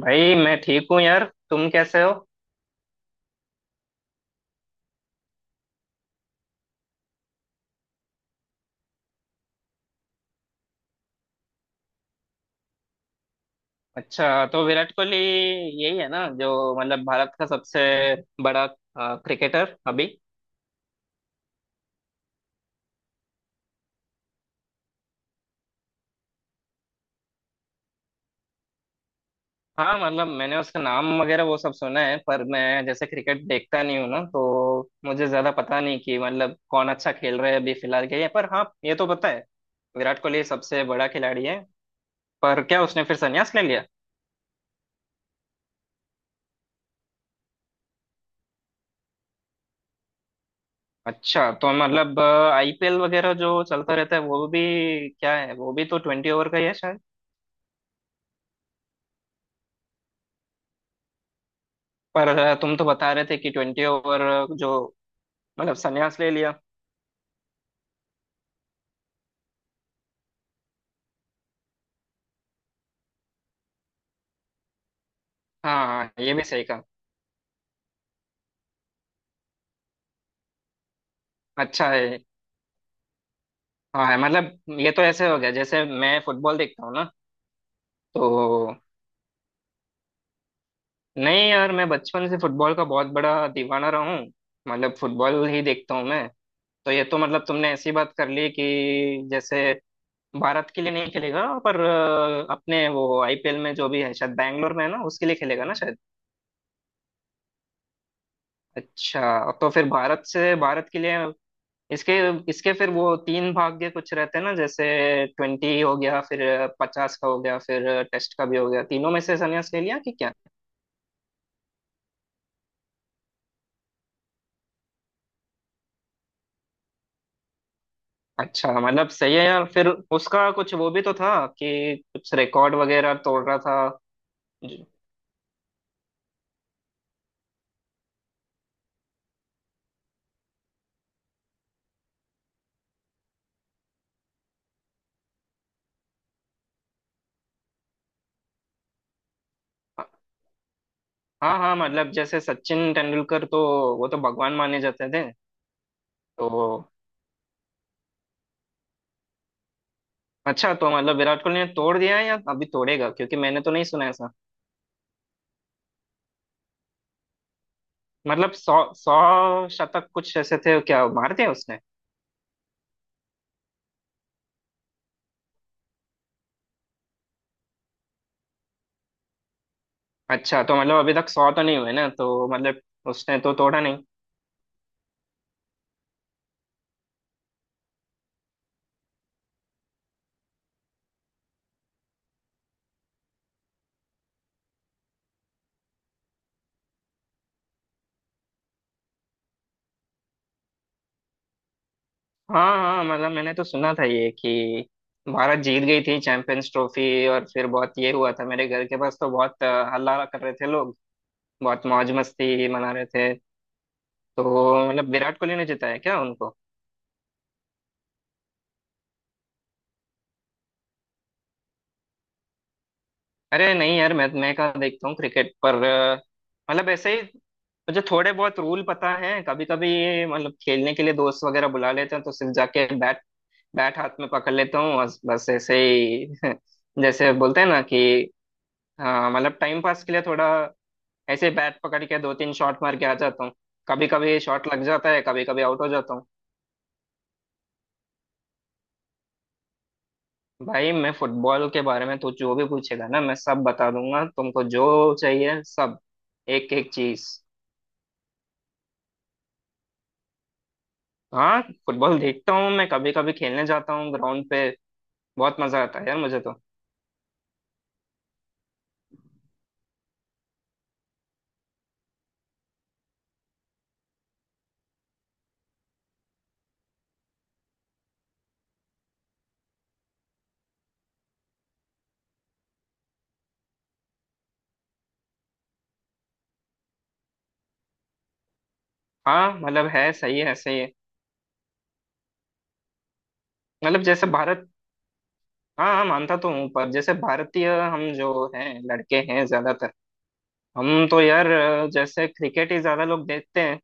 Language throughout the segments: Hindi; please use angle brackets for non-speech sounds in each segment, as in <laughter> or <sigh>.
भाई मैं ठीक हूँ यार। तुम कैसे हो? अच्छा, तो विराट कोहली यही है ना, जो मतलब भारत का सबसे बड़ा क्रिकेटर अभी? हाँ, मतलब मैंने उसका नाम वगैरह वो सब सुना है, पर मैं जैसे क्रिकेट देखता नहीं हूँ ना, तो मुझे ज्यादा पता नहीं कि मतलब कौन अच्छा खेल रहा है अभी फिलहाल के लिए, पर हाँ, ये तो पता है विराट कोहली सबसे बड़ा खिलाड़ी है। पर क्या उसने फिर संन्यास ले लिया? अच्छा, तो मतलब आईपीएल वगैरह जो चलता रहता है, वो भी क्या है, वो भी तो ट्वेंटी ओवर का ही है शायद। पर तुम तो बता रहे थे कि ट्वेंटी ओवर जो मतलब संन्यास ले लिया। हाँ हाँ, ये भी सही कहा। अच्छा है। हाँ है, मतलब ये तो ऐसे हो गया जैसे मैं फुटबॉल देखता हूँ ना, तो नहीं यार, मैं बचपन से फुटबॉल का बहुत बड़ा दीवाना रहा हूँ। मतलब फुटबॉल ही देखता हूँ मैं। तो ये तो मतलब तुमने ऐसी बात कर ली कि जैसे भारत के लिए नहीं खेलेगा, पर अपने वो आईपीएल में जो भी है शायद बैंगलोर में है ना, उसके लिए खेलेगा ना शायद। अच्छा, तो फिर भारत से भारत के लिए इसके इसके फिर वो तीन भाग्य कुछ रहते हैं ना, जैसे ट्वेंटी हो गया, फिर पचास का हो गया, फिर टेस्ट का भी हो गया, तीनों में से संन्यास ले लिया कि क्या? अच्छा, मतलब सही है यार, फिर उसका कुछ वो भी तो था कि कुछ रिकॉर्ड वगैरह तोड़ रहा था। ज- हाँ हाँ, मतलब जैसे सचिन तेंदुलकर तो वो तो भगवान माने जाते थे। तो अच्छा, तो मतलब विराट कोहली ने तोड़ दिया है या अभी तोड़ेगा, क्योंकि मैंने तो नहीं सुना ऐसा। मतलब सौ सौ शतक कुछ ऐसे थे क्या मारते हैं उसने? अच्छा, तो मतलब अभी तक सौ तो नहीं हुए ना, तो मतलब उसने तो तोड़ा नहीं। हाँ हाँ, मतलब मैंने तो सुना था ये कि भारत जीत गई थी चैंपियंस ट्रॉफी, और फिर बहुत ये हुआ था मेरे घर के पास, तो बहुत हल्ला कर रहे थे लोग, बहुत मौज मस्ती मना रहे थे। तो मतलब विराट कोहली ने जिताया क्या उनको? अरे नहीं यार, मैं कहाँ देखता हूँ क्रिकेट, पर मतलब ऐसे ही मुझे थोड़े बहुत रूल पता है। कभी कभी मतलब खेलने के लिए दोस्त वगैरह बुला लेते हैं, तो सिर्फ जाके बैट बैट हाथ में पकड़ लेता हूँ और बस ऐसे ही <laughs> जैसे बोलते हैं ना कि हाँ, मतलब टाइम पास के लिए थोड़ा ऐसे ही बैट पकड़ के दो तीन शॉट मार के आ जाता हूँ। कभी कभी शॉट लग जाता है, कभी कभी आउट हो जाता हूँ। भाई, मैं फुटबॉल के बारे में तो जो भी पूछेगा ना, मैं सब बता दूंगा तुमको, जो चाहिए सब, एक एक चीज। हाँ, फुटबॉल देखता हूँ मैं, कभी कभी खेलने जाता हूँ ग्राउंड पे, बहुत मजा आता है यार मुझे तो। हाँ मतलब, है सही है सही है, मतलब जैसे भारत, हाँ हाँ, मानता तो हूँ, पर जैसे भारतीय हम जो हैं लड़के हैं ज्यादातर, हम तो यार जैसे क्रिकेट ही ज्यादा लोग देखते हैं,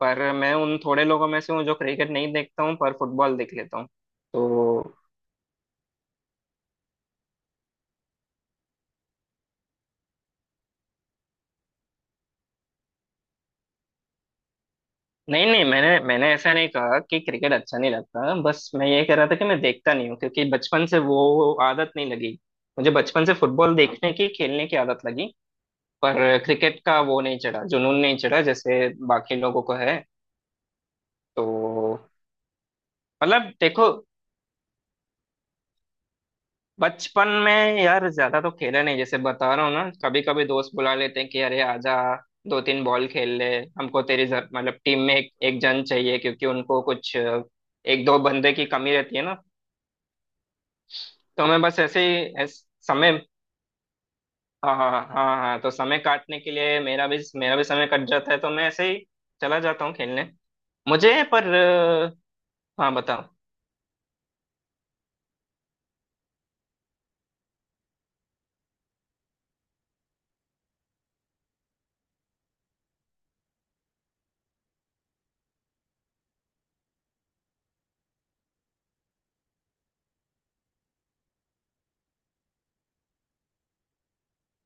पर मैं उन थोड़े लोगों में से हूँ जो क्रिकेट नहीं देखता हूँ पर फुटबॉल देख लेता हूँ। तो नहीं नहीं, मैंने मैंने ऐसा नहीं कहा कि क्रिकेट अच्छा नहीं लगता, बस मैं ये कह रहा था कि मैं देखता नहीं हूँ क्योंकि बचपन से वो आदत नहीं लगी। मुझे बचपन से फुटबॉल देखने की, खेलने की आदत लगी, पर क्रिकेट का वो नहीं चढ़ा, जुनून नहीं चढ़ा जैसे बाकी लोगों को है। तो मतलब देखो, बचपन में यार ज्यादा तो खेला नहीं, जैसे बता रहा हूँ ना, कभी कभी दोस्त बुला लेते हैं कि अरे आजा, दो तीन बॉल खेल ले, हमको तेरी मतलब टीम में एक, एक जन चाहिए क्योंकि उनको कुछ एक दो बंदे की कमी रहती है ना। तो मैं बस ऐसे ही समय, हाँ हाँ हाँ हाँ हाँ, तो समय काटने के लिए मेरा भी समय कट जाता है, तो मैं ऐसे ही चला जाता हूँ खेलने। मुझे पर हाँ बताओ।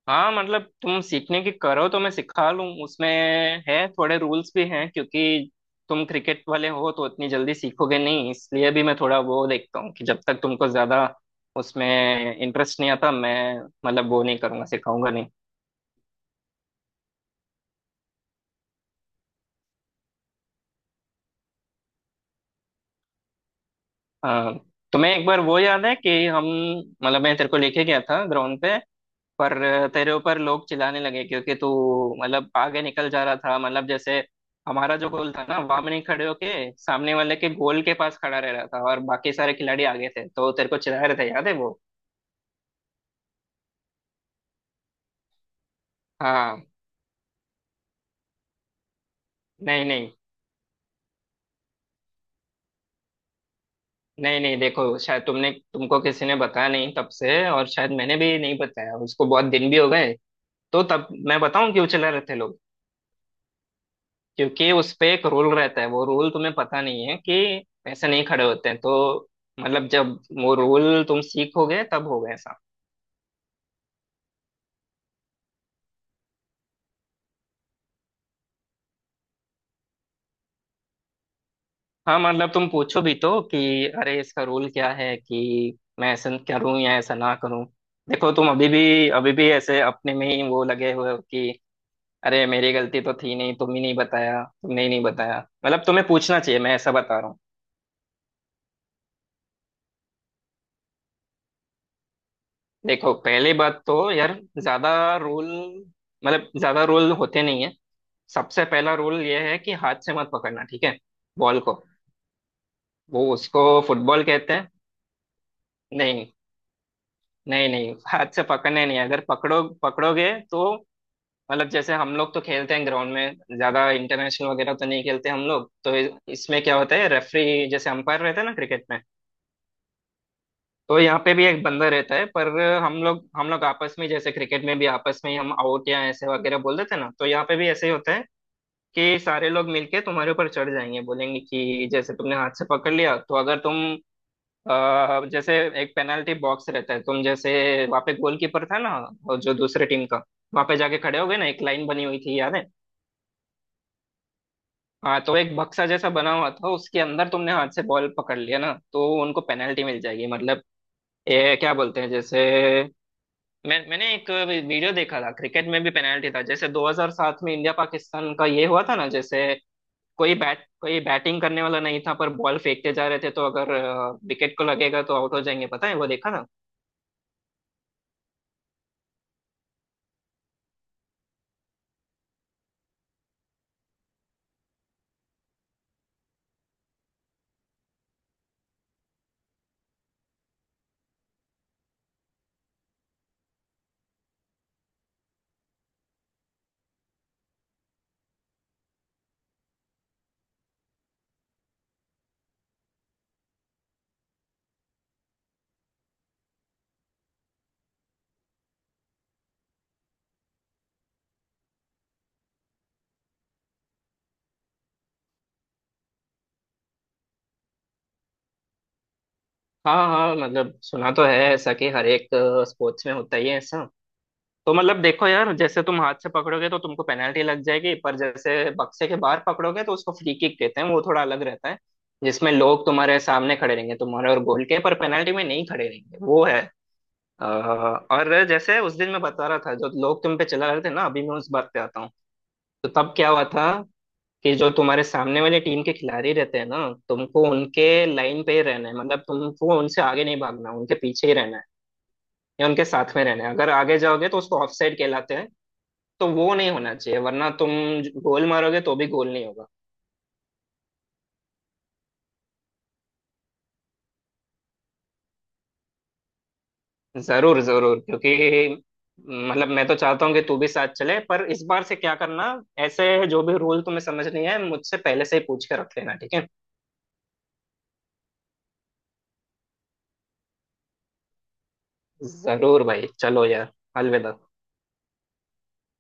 हाँ मतलब, तुम सीखने की करो तो मैं सिखा लूँ, उसमें है थोड़े रूल्स भी हैं क्योंकि तुम क्रिकेट वाले हो तो इतनी जल्दी सीखोगे नहीं, इसलिए भी मैं थोड़ा वो देखता हूँ कि जब तक तुमको ज्यादा उसमें इंटरेस्ट नहीं आता, मैं मतलब वो नहीं करूँगा, सिखाऊंगा नहीं। हाँ, तुम्हें एक बार वो याद है कि हम मतलब मैं तेरे को लेके गया था ग्राउंड पे, पर तेरे ऊपर लोग चिल्लाने लगे क्योंकि तू मतलब आगे निकल जा रहा था, मतलब जैसे हमारा जो गोल था ना वहां में नहीं खड़े होके सामने वाले के गोल के पास खड़ा रह रहा था और बाकी सारे खिलाड़ी आगे थे, तो तेरे को चिल्ला रहे थे, याद है वो? हाँ। नहीं नहीं, नहीं नहीं देखो, शायद तुमने तुमको किसी ने बताया नहीं तब से, और शायद मैंने भी नहीं बताया उसको, बहुत दिन भी हो गए। तो तब मैं बताऊं क्यों चिल्ला रहे थे लोग? क्योंकि उस पे एक रूल रहता है, वो रूल तुम्हें पता नहीं है कि पैसे नहीं खड़े होते हैं, तो मतलब, जब वो रूल तुम सीखोगे तब होगा ऐसा। हाँ मतलब, तुम पूछो भी तो कि अरे इसका रूल क्या है, कि मैं ऐसा करूं या ऐसा ना करूं। देखो, तुम अभी भी ऐसे अपने में ही वो लगे हुए हो कि अरे मेरी गलती तो थी नहीं, तुम ही नहीं बताया, तुमने ही नहीं बताया। मतलब तुम्हें पूछना चाहिए, मैं ऐसा बता रहा हूँ। देखो पहली बात तो यार, ज्यादा रूल मतलब ज्यादा रूल होते नहीं है। सबसे पहला रूल ये है कि हाथ से मत पकड़ना, ठीक है, बॉल को। वो उसको फुटबॉल कहते हैं। नहीं नहीं, नहीं हाथ से पकड़ने नहीं है। अगर पकड़ोगे तो मतलब, जैसे हम लोग तो खेलते हैं ग्राउंड में, ज्यादा इंटरनेशनल वगैरह तो नहीं खेलते हम लोग, तो इसमें क्या होता है, रेफरी, जैसे अंपायर रहते हैं ना क्रिकेट में, तो यहाँ पे भी एक बंदा रहता है। पर हम लोग आपस में, जैसे क्रिकेट में भी आपस में हम आउट या ऐसे वगैरह बोल देते हैं ना, तो यहाँ पे भी ऐसे ही होता है कि सारे लोग मिलके तुम्हारे ऊपर चढ़ जाएंगे, बोलेंगे कि जैसे तुमने हाथ से पकड़ लिया, तो अगर तुम जैसे, एक पेनल्टी बॉक्स रहता है, तुम जैसे वहाँ पे गोलकीपर था ना और जो दूसरे टीम का वहाँ पे जाके खड़े हो गए ना, एक लाइन बनी हुई थी याद है? हाँ, तो एक बक्सा जैसा बना हुआ था, उसके अंदर तुमने हाथ से बॉल पकड़ लिया ना, तो उनको पेनल्टी मिल जाएगी, मतलब ये क्या बोलते हैं, जैसे मैंने एक वीडियो देखा था क्रिकेट में भी पेनाल्टी था, जैसे 2007 में इंडिया पाकिस्तान का ये हुआ था ना, जैसे कोई बैट, कोई बैटिंग करने वाला नहीं था पर बॉल फेंकते जा रहे थे, तो अगर विकेट को लगेगा तो आउट हो जाएंगे, पता है वो देखा ना? हाँ हाँ, मतलब सुना तो है ऐसा कि हर एक स्पोर्ट्स में होता ही है ऐसा। तो मतलब देखो यार, जैसे तुम हाथ से पकड़ोगे तो तुमको पेनाल्टी लग जाएगी, पर जैसे बक्से के बाहर पकड़ोगे तो उसको फ्री किक कहते हैं, वो थोड़ा अलग रहता है, जिसमें लोग तुम्हारे सामने खड़े रहेंगे, तुम्हारे और गोल के, पर पेनाल्टी में नहीं खड़े रहेंगे वो है। और जैसे उस दिन मैं बता रहा था, जो लोग तुम पे चला रहे थे ना, अभी मैं उस बात पे आता हूँ। तो तब क्या हुआ था कि जो तुम्हारे सामने वाले टीम के खिलाड़ी रहते हैं ना, तुमको उनके लाइन पे ही रहना है, मतलब तुमको उनसे आगे नहीं भागना, उनके पीछे ही रहना है या उनके साथ में रहना है, अगर आगे जाओगे तो उसको ऑफसाइड कहलाते हैं। तो वो नहीं होना चाहिए, वरना तुम गोल मारोगे तो भी गोल नहीं होगा। जरूर जरूर, क्योंकि मतलब मैं तो चाहता हूँ कि तू भी साथ चले, पर इस बार से क्या करना, ऐसे जो भी रूल तुम्हें समझ नहीं है मुझसे पहले से ही पूछ के रख लेना, ठीक है? जरूर भाई, चलो यार, अलविदा।